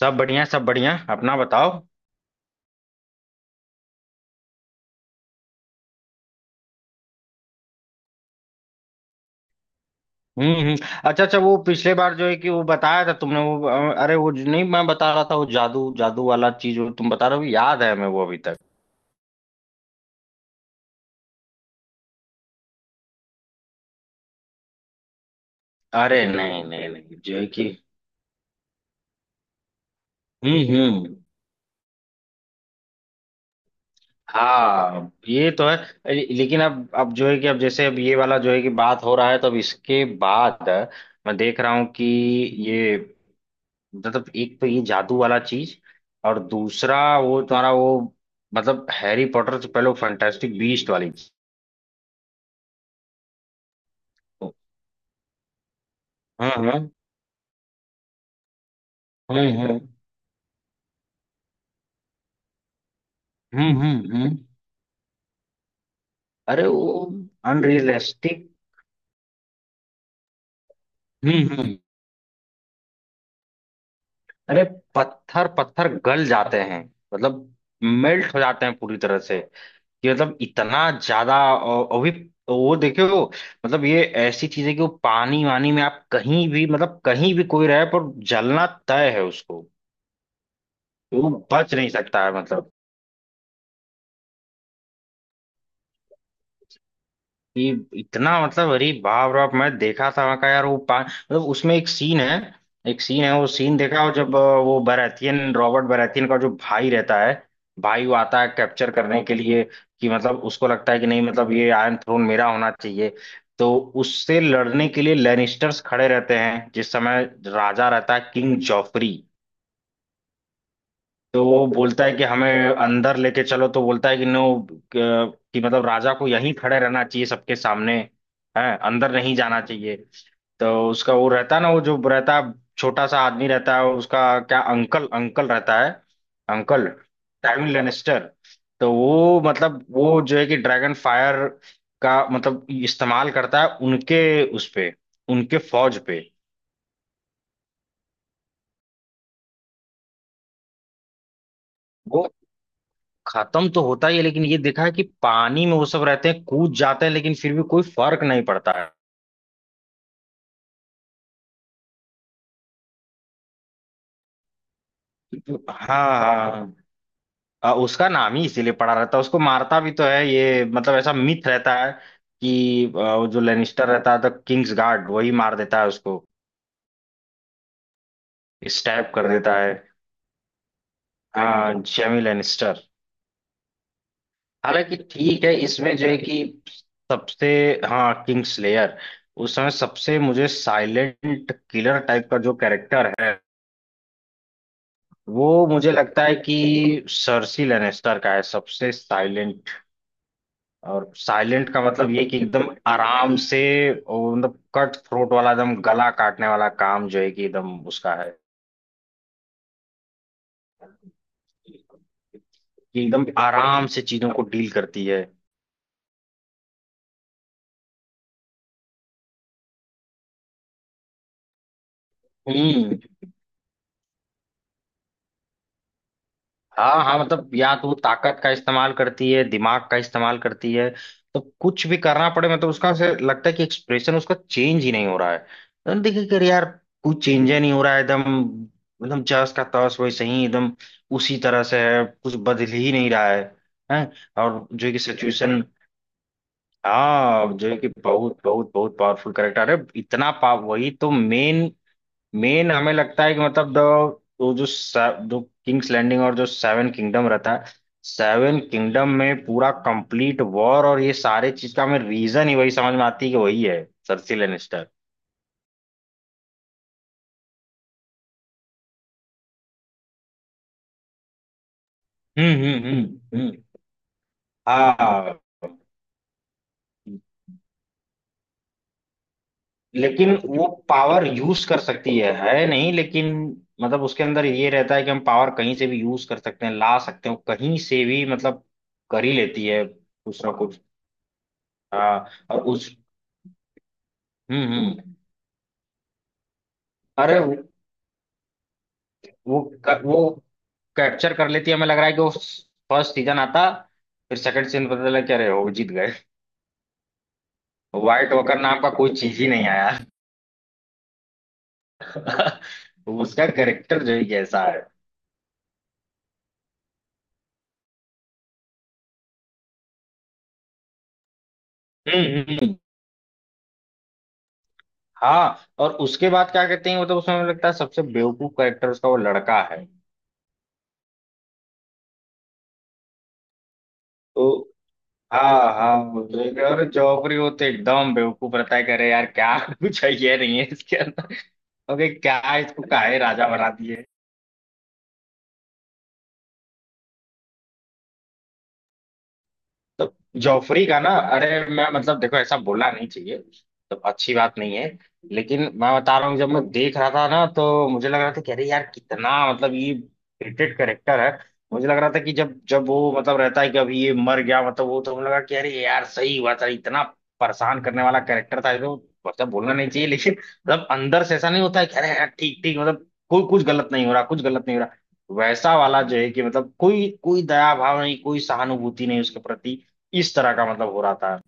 सब बढ़िया सब बढ़िया। अपना बताओ। हम्म। अच्छा अच्छा, वो पिछले बार जो है कि वो बताया था तुमने वो अरे वो नहीं, मैं बता रहा था वो जादू जादू वाला चीज वो तुम बता रहे हो, याद है हमें वो अभी तक। अरे नहीं नहीं नहीं जो है कि। हम्म। हाँ ये तो है। लेकिन अब जो है कि अब जैसे अब ये वाला जो है कि बात हो रहा है, तो अब इसके बाद मैं देख रहा हूँ कि ये मतलब एक तो ये जादू वाला चीज और दूसरा वो तुम्हारा वो, मतलब हैरी पॉटर से पहले वो फैंटास्टिक बीस्ट वाली चीज। हाँ हाँ हाँ हाँ। हम्म। अरे वो अनरियलिस्टिक। हम्म। अरे पत्थर पत्थर गल जाते हैं। मतलब मेल्ट हो जाते हैं पूरी तरह से, कि मतलब इतना ज्यादा और भी वो देखो वो, मतलब ये ऐसी चीज है कि वो पानी वानी में आप कहीं भी मतलब कहीं भी कोई रहे पर जलना तय है उसको, वो बच नहीं सकता है मतलब। कि इतना मतलब, अरे बाप रे बाप, मैं देखा था वहां का यार वो पा मतलब उसमें एक सीन है। एक सीन है वो सीन देखा हो जब वो बराथियन रॉबर्ट बराथियन का जो भाई रहता है, भाई वो आता है कैप्चर करने के लिए कि मतलब उसको लगता है कि नहीं, मतलब ये आयरन थ्रोन मेरा होना चाहिए। तो उससे लड़ने के लिए लैनिस्टर्स खड़े रहते हैं जिस समय राजा रहता है किंग जॉफरी। तो वो बोलता है कि हमें अंदर लेके चलो, तो बोलता है कि नो, कि मतलब राजा को यहीं खड़े रहना चाहिए सबके सामने है, अंदर नहीं जाना चाहिए। तो उसका वो रहता है ना वो जो रहता है, छोटा सा आदमी रहता है उसका क्या, अंकल अंकल रहता है। अंकल टाइम लेनेस्टर। तो वो मतलब वो जो है कि ड्रैगन फायर का मतलब इस्तेमाल करता है उनके उस पे, उनके फौज पे। वो खत्म तो होता ही है लेकिन ये देखा है कि पानी में वो सब रहते हैं कूद जाते हैं लेकिन फिर भी कोई फर्क नहीं पड़ता है। हाँ हाँ। उसका नाम ही इसीलिए पड़ा रहता है, उसको मारता भी तो है ये, मतलब ऐसा मिथ रहता है कि वो जो लेनिस्टर रहता है द किंग्स गार्ड वही मार देता है उसको, स्टैब कर देता है। हाँ जेमी लेनिस्टर। हालांकि ठीक है, इसमें जो है कि सबसे, हाँ किंग्स लेयर, उस समय सबसे मुझे साइलेंट किलर टाइप का जो कैरेक्टर है वो मुझे लगता है कि सर्सी लेनेस्टर का है सबसे साइलेंट। और साइलेंट का मतलब ये कि एकदम आराम से, और मतलब कट थ्रोट वाला एकदम गला काटने वाला काम जो है कि एकदम उसका है, कि एकदम आराम से चीजों को डील करती है। हम्म। हाँ हाँ मतलब या तो वो ताकत का इस्तेमाल करती है दिमाग का इस्तेमाल करती है, तो कुछ भी करना पड़े मतलब उसका से लगता है कि एक्सप्रेशन उसका चेंज ही नहीं हो रहा है तो देखिए कि अरे यार कुछ चेंज ही नहीं हो रहा है एकदम, एकदम जस का तस वैसे ही एकदम उसी तरह से है, कुछ बदल ही नहीं रहा है हैं। और जो है कि सिचुएशन, हाँ जो है कि बहुत बहुत बहुत पावरफुल करेक्टर है, इतना पाव वही तो मेन, मेन हमें लगता है कि मतलब दो, वो जो जो किंग्स लैंडिंग और जो सेवन किंगडम रहता है, सेवन किंगडम में पूरा कंप्लीट वॉर और ये सारे चीज का हमें रीजन ही वही समझ में आती है कि वही है, सर्सी लेनिस्टर। हम्म हम्म हम्म हम्म। हाँ लेकिन वो पावर यूज कर सकती है नहीं, लेकिन मतलब उसके अंदर ये रहता है कि हम पावर कहीं से भी यूज कर सकते हैं ला सकते हैं वो कहीं से भी, मतलब कर ही लेती है कुछ ना कुछ। हाँ और उस, हम्म। अरे वो वो कैप्चर कर लेती है, हमें लग रहा है कि वो फर्स्ट सीजन आता, फिर सेकंड सीजन पता चला क्या रहे, वो जीत गए। व्हाइट वॉकर नाम का कोई चीज ही नहीं आया। उसका कैरेक्टर जो है कैसा है। हम्म। हाँ, और उसके बाद क्या कहते हैं मतलब उसमें मुझे लगता है सबसे बेवकूफ कैरेक्टर उसका वो लड़का है तो, हाँ हाँ वो जो और जौहरी वो तो एकदम बेवकूफ रहता है, कह रहे यार क्या कुछ है ये नहीं है इसके अंदर, ओके क्या इसको काहे राजा बना दिए। तो जॉफरी का ना, अरे मैं मतलब देखो ऐसा बोलना नहीं चाहिए तो, अच्छी बात नहीं है, लेकिन मैं बता रहा हूँ जब मैं देख रहा था ना तो मुझे लग रहा था कि अरे यार कितना मतलब ये रेटेड करेक्टर है। मुझे लग रहा था कि जब जब वो मतलब रहता है कि अभी ये मर गया मतलब वो, तो मुझे लगा, कि अरे यार सही हुआ था, इतना परेशान करने वाला कैरेक्टर था तो। मतलब बोलना नहीं चाहिए लेकिन मतलब अंदर से ऐसा नहीं होता है कि अरे यार ठीक ठीक मतलब कोई कुछ गलत नहीं हो रहा कुछ गलत नहीं हो रहा, वैसा वाला जो है कि मतलब कोई कोई दया भाव नहीं कोई सहानुभूति नहीं उसके प्रति, इस तरह का मतलब हो रहा था।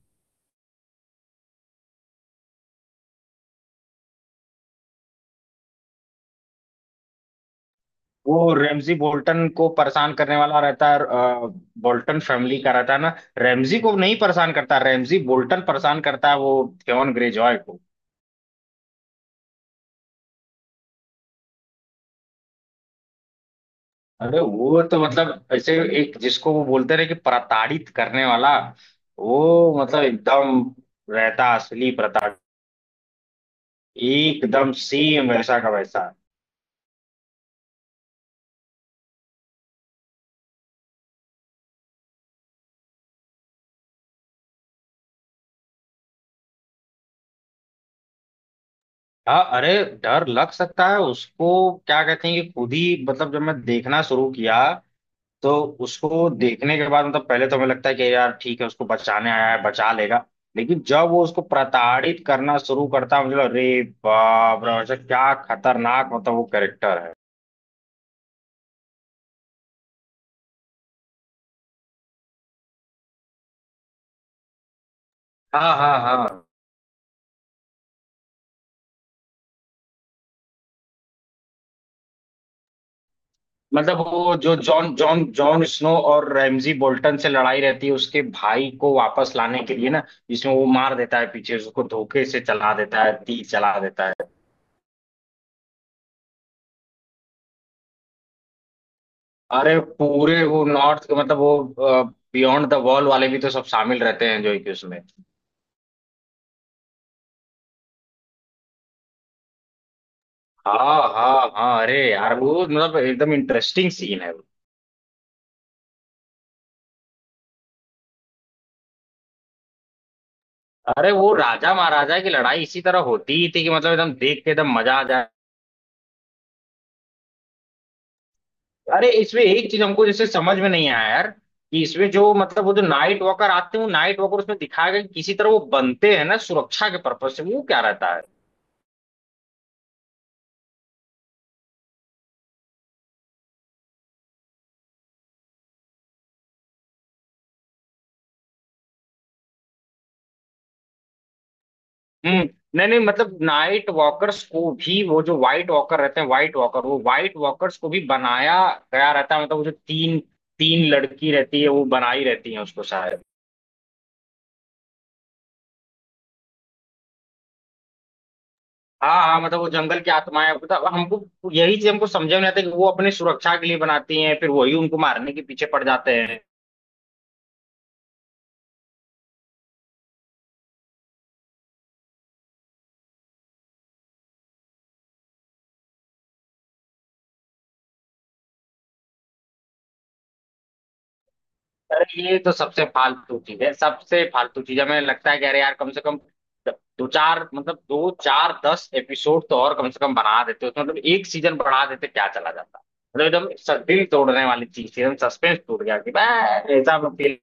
वो रैमजी बोल्टन को परेशान करने वाला रहता है बोल्टन फैमिली का रहता है ना, रैमजी को नहीं परेशान करता, रैमजी बोल्टन परेशान करता है वो थेवन ग्रेजॉय को। अरे वो तो मतलब ऐसे, एक जिसको वो बोलते रहे कि प्रताड़ित करने वाला, वो मतलब एकदम रहता असली प्रताड़ित, एकदम सेम वैसा का वैसा। हाँ अरे डर लग सकता है उसको, क्या कहते हैं कि खुद ही मतलब जब मैं देखना शुरू किया तो उसको देखने के बाद मतलब पहले तो हमें लगता है कि यार ठीक है उसको बचाने आया है बचा लेगा, लेकिन जब वो उसको प्रताड़ित करना शुरू करता है मुझे लगा, अरे बाप रे, ऐसा क्या खतरनाक मतलब वो कैरेक्टर है। हाँ हाँ हाँ मतलब वो जो जॉन जॉन जॉन स्नो और रैमजी बोल्टन से लड़ाई रहती है उसके भाई को वापस लाने के लिए ना, जिसमें वो मार देता है पीछे से, उसको धोखे से चला देता है तीर चला देता है। अरे पूरे वो नॉर्थ के मतलब वो बियॉन्ड द वॉल वाले भी तो सब शामिल रहते हैं जो कि उसमें। हाँ हाँ हाँ अरे यार वो मतलब एकदम इंटरेस्टिंग सीन है वो। अरे वो राजा महाराजा की लड़ाई इसी तरह होती ही थी कि मतलब एकदम देख के एकदम मजा आ जाए। अरे इसमें एक चीज हमको जैसे समझ में नहीं आया यार कि इसमें जो मतलब वो जो नाइट वॉकर आते हैं, वो नाइट वॉकर उसमें दिखाया गया कि किसी तरह वो बनते हैं ना सुरक्षा के पर्पज से, वो क्या रहता है। हम्म। नहीं नहीं मतलब नाइट वॉकर्स को भी वो जो व्हाइट वॉकर रहते हैं, व्हाइट वॉकर वो व्हाइट वॉकर्स को भी बनाया गया रहता है, मतलब वो जो तीन तीन लड़की रहती है वो बनाई रहती है उसको शायद। हाँ हाँ मतलब वो जंगल की आत्माएं, मतलब हमको यही चीज हमको समझ में नहीं आता कि वो अपनी सुरक्षा के लिए बनाती हैं फिर वही उनको मारने के पीछे पड़ जाते हैं। अरे ये तो सबसे फालतू चीज है, सबसे फालतू चीज हमें लगता है कि अरे यार कम से कम दो चार मतलब दो चार दस एपिसोड तो और कम से कम बना देते तो मतलब एक सीजन बढ़ा देते क्या चला जाता, मतलब एकदम दिल तोड़ने वाली चीज थी, एकदम सस्पेंस टूट गया कि बस ऐसा फील।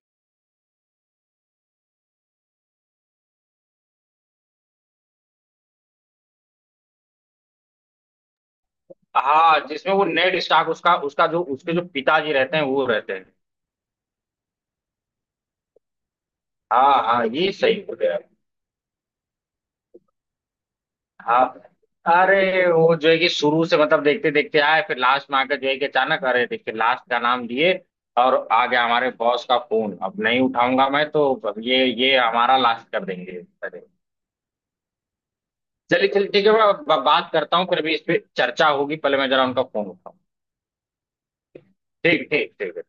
हाँ जिसमें वो नेड स्टार्क उसका उसका जो उसके जो पिताजी रहते हैं वो रहते हैं। हाँ हाँ ये सही बोले आप। हाँ अरे वो जो है कि शुरू से मतलब देखते देखते आए फिर लास्ट में आकर जो है कि अचानक अरे देखिए लास्ट का नाम दिए, और आ गया हमारे बॉस का फोन, अब नहीं उठाऊंगा मैं तो, अब ये हमारा लास्ट कर देंगे। अरे चलिए चलिए ठीक है, मैं बात करता हूँ फिर, अभी इस पे चर्चा होगी, पहले मैं जरा उनका फोन उठाऊँ। ठीक ठीक ठीक।